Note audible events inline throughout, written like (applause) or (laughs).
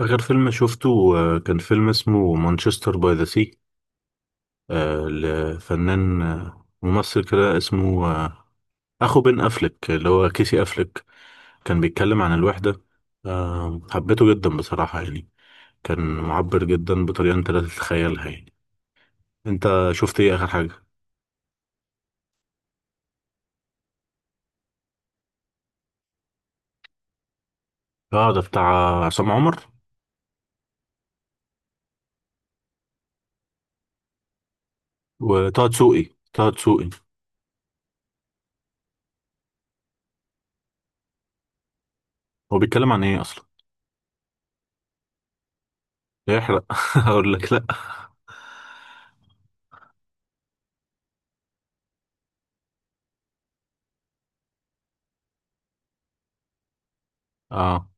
آخر فيلم شفته. كان فيلم اسمه مانشستر باي ذا سي، لفنان، ممثل كده اسمه، أخو بن أفلك اللي هو كيسي أفلك. كان بيتكلم عن الوحدة. حبيته جدا بصراحة، يعني كان معبر جدا بطريقة أنت لا تتخيلها، يعني. أنت شفت إيه آخر حاجة؟ آه، ده بتاع عصام عمر وطه دسوقي. طه دسوقي. هو بيتكلم عن إيه أصلا؟ لا يحرق (laughs) هقول لك لأ. آه،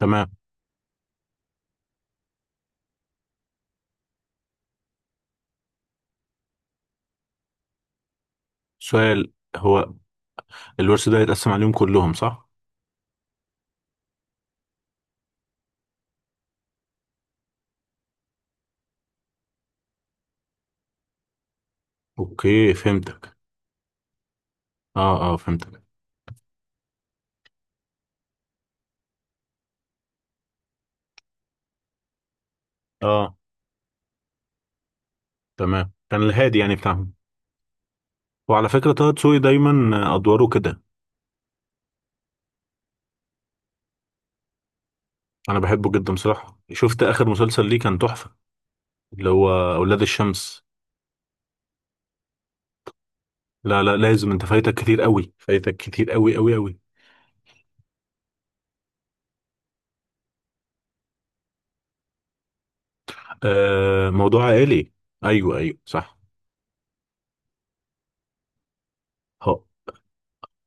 تمام. سؤال: هو الورث ده يتقسم عليهم كلهم، صح؟ اوكي، فهمتك. اه، اه، فهمتك. اه، تمام. كان الهادي يعني بتاعهم. وعلى فكرة، طه دسوقي دايما ادواره كده. انا بحبه جدا بصراحة، شفت اخر مسلسل ليه كان تحفة. اللي هو اولاد الشمس. لا، لا، لازم، انت فايتك كتير قوي، فايتك كتير قوي قوي قوي. آه، موضوع عائلي. ايوه، ايوه، صح. هو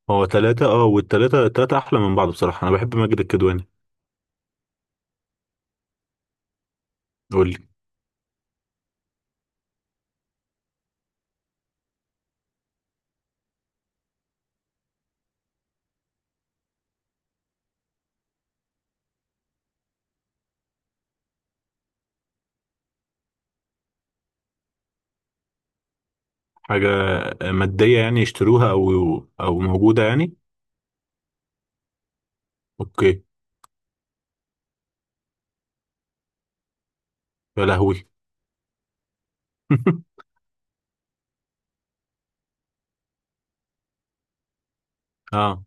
هو ثلاثة، اه، والثلاثة ثلاثة احلى من بعض. بصراحة انا بحب ماجد الكدواني. قول لي. حاجة مادية يعني يشتروها، او موجودة يعني؟ اوكي. يا لهوي. (laughs) اه،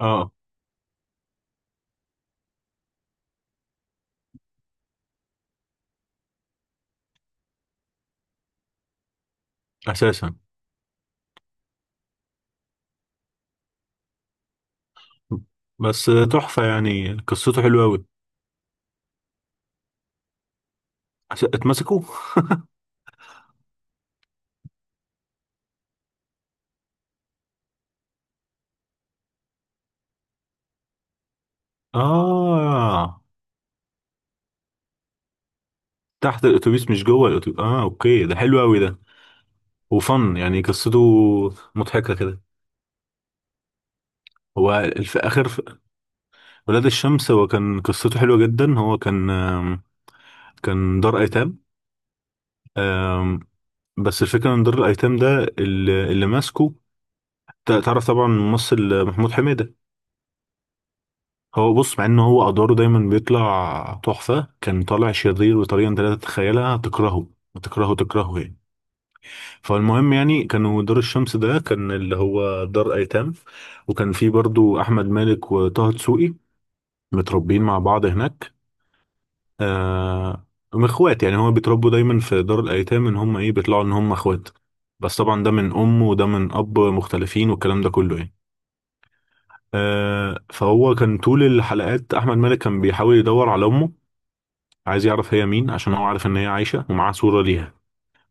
اه، اساسا. بس تحفة يعني، قصته حلوة قوي. اتمسكوا. اه، تحت الاتوبيس مش جوه الاتوبيس. اه، اوكي، ده حلو قوي ده. وفن يعني، قصته مضحكة كده. هو في اخر، في ولاد الشمس، هو كان قصته حلوة جدا. هو كان كان دار ايتام، آم، بس الفكرة ان دار الايتام ده، اللي ماسكه، تعرف طبعا الممثل محمود حميدة. هو بص، مع ان هو ادواره دايما بيطلع تحفه، كان طالع شرير بطريقه انت لا تتخيلها. تكرهه وتكرهه تكرهه يعني. فالمهم يعني، كانوا دار الشمس ده كان اللي هو دار ايتام، وكان فيه برضو احمد مالك وطه دسوقي متربيين مع بعض هناك. آه، هم اخوات يعني، هما بيتربوا دايما في دار الايتام ان هم ايه، بيطلعوا ان هم اخوات. بس طبعا ده من ام وده من اب مختلفين، والكلام ده كله يعني. آه، فهو كان طول الحلقات احمد مالك كان بيحاول يدور على امه، عايز يعرف هي مين، عشان هو عارف ان هي عايشه ومعاه صوره ليها.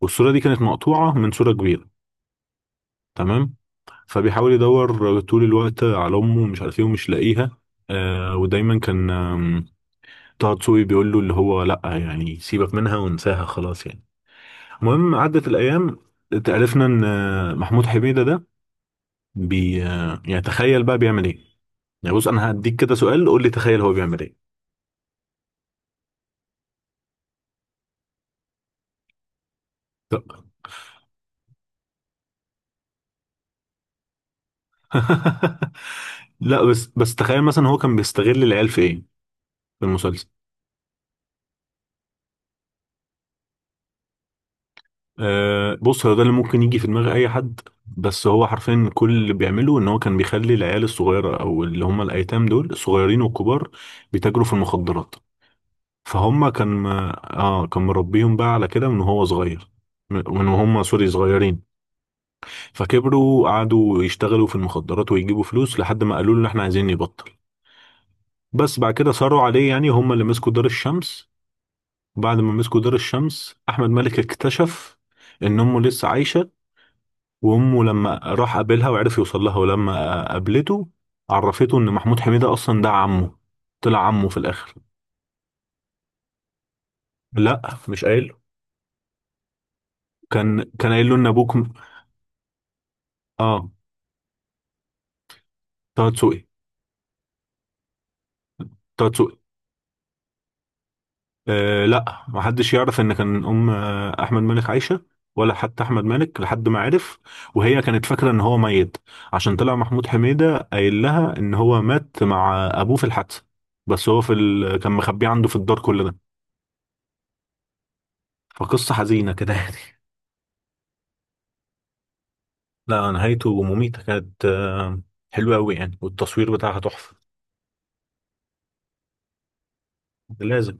والصوره دي كانت مقطوعه من صوره كبيره. تمام. فبيحاول يدور طول الوقت على امه ومش عارف ايه ومش لاقيها. آه، ودايما كان، طه دسوقي بيقول له اللي هو لا، يعني سيبك منها وانساها خلاص يعني. المهم عدت الايام، عرفنا ان محمود حميده ده بي آه، يعني تخيل بقى بيعمل ايه. يعني بص، انا هديك كده سؤال، قول لي تخيل هو بيعمل ايه. طب. (laughs) لا، بس تخيل مثلا هو كان بيستغل العيال في ايه، في المسلسل. أه، بص، هو ده اللي ممكن يجي في دماغ اي حد. بس هو حرفيا كل اللي بيعمله ان هو كان بيخلي العيال الصغيره او اللي هم الايتام دول، الصغيرين والكبار، بيتاجروا في المخدرات. فهم كان كان مربيهم بقى على كده من وهو صغير، من وهم سوري صغيرين. فكبروا قعدوا يشتغلوا في المخدرات ويجيبوا فلوس، لحد ما قالوا له ان احنا عايزين نبطل. بس بعد كده صاروا عليه، يعني هم اللي مسكوا دار الشمس. بعد ما مسكوا دار الشمس، احمد مالك اكتشف ان امه لسه عايشه. وامه لما راح قابلها وعرف يوصل لها، ولما قابلته عرفته ان محمود حميدة اصلا ده عمه. طلع عمه في الاخر. لا، مش قايل له. كان قايل له ان ابوك اه. طه دسوقي. طه دسوقي. آه، لا، ما حدش يعرف ان كان ام احمد مالك عايشه. ولا حتى احمد مالك، لحد ما عرف. وهي كانت فاكره ان هو ميت، عشان طلع محمود حميدة قايل لها ان هو مات مع ابوه في الحادثه. بس هو كان مخبيه عنده في الدار كل ده. فقصه حزينه كده يعني. لا، نهايته مميتة كانت، حلوة أوي يعني، والتصوير بتاعها تحفة. لازم.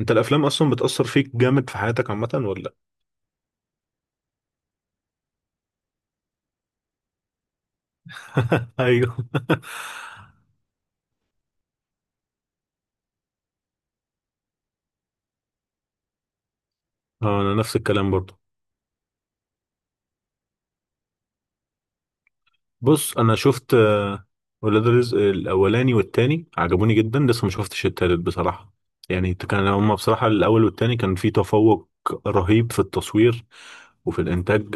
أنت الأفلام أصلا بتأثر فيك جامد في حياتك عامة ولا؟ (laughs) أيوه. اه، أنا نفس الكلام برضو. بص، أنا شفت، ولاد رزق الأولاني والتاني عجبوني جدا. لسه ما شفتش التالت بصراحة. يعني كان هما بصراحة الأول والتاني كان في تفوق رهيب في التصوير وفي الإنتاج.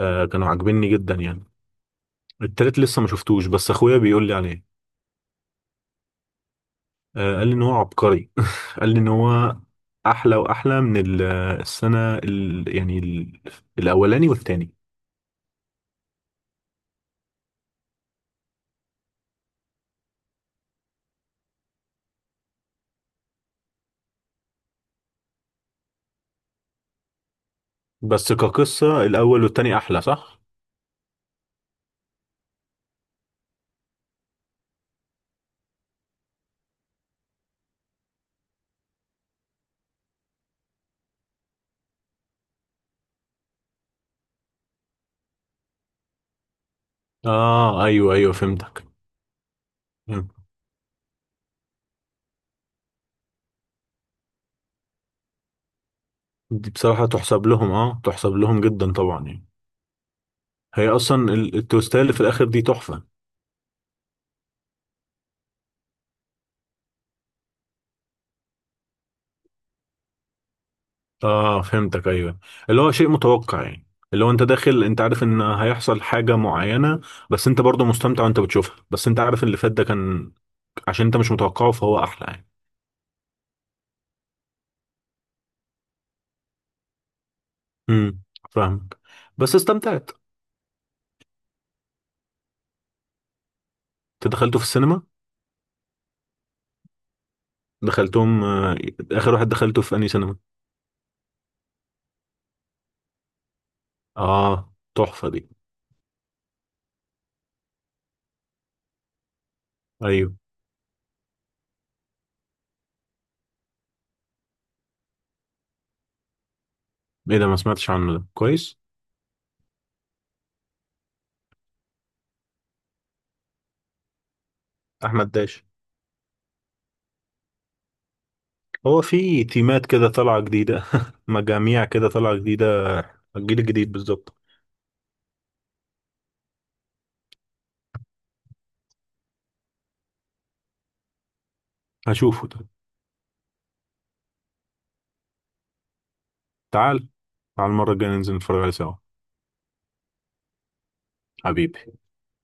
كانوا عاجبني جدا يعني. التالت لسه ما شفتوش، بس أخويا بيقول لي عليه. قال لي ان هو عبقري. (laughs) قال لي ان هو احلى واحلى من ال- السنه ال يعني ال الاولاني والتاني. بس كقصه الاول والتاني احلى، صح؟ اه، ايوه، ايوه، فهمتك. مم. دي بصراحه تحسب لهم، اه، تحسب لهم جدا طبعا يعني. هي اصلا التويستات اللي في الاخر دي تحفه. اه، فهمتك، ايوه. اللي هو شيء متوقع يعني، اللي هو انت داخل انت عارف ان هيحصل حاجه معينه، بس انت برضه مستمتع وانت بتشوفها. بس انت عارف اللي فات ده كان عشان انت مش متوقعه، فهو احلى يعني. امم. فاهمك. بس استمتعت. انت دخلته في السينما؟ دخلتهم، اخر واحد دخلته في انهي سينما. اه، تحفه دي. ايوه. ايه ده، ما سمعتش عنه ده، كويس. احمد داش. هو في تيمات كده طالعه جديده (laughs) مجاميع كده طالعه جديده. الجيل الجديد بالظبط. هشوفه ده. تعال، تعال المره الجايه ننزل نتفرج عليه سوا. حبيبي.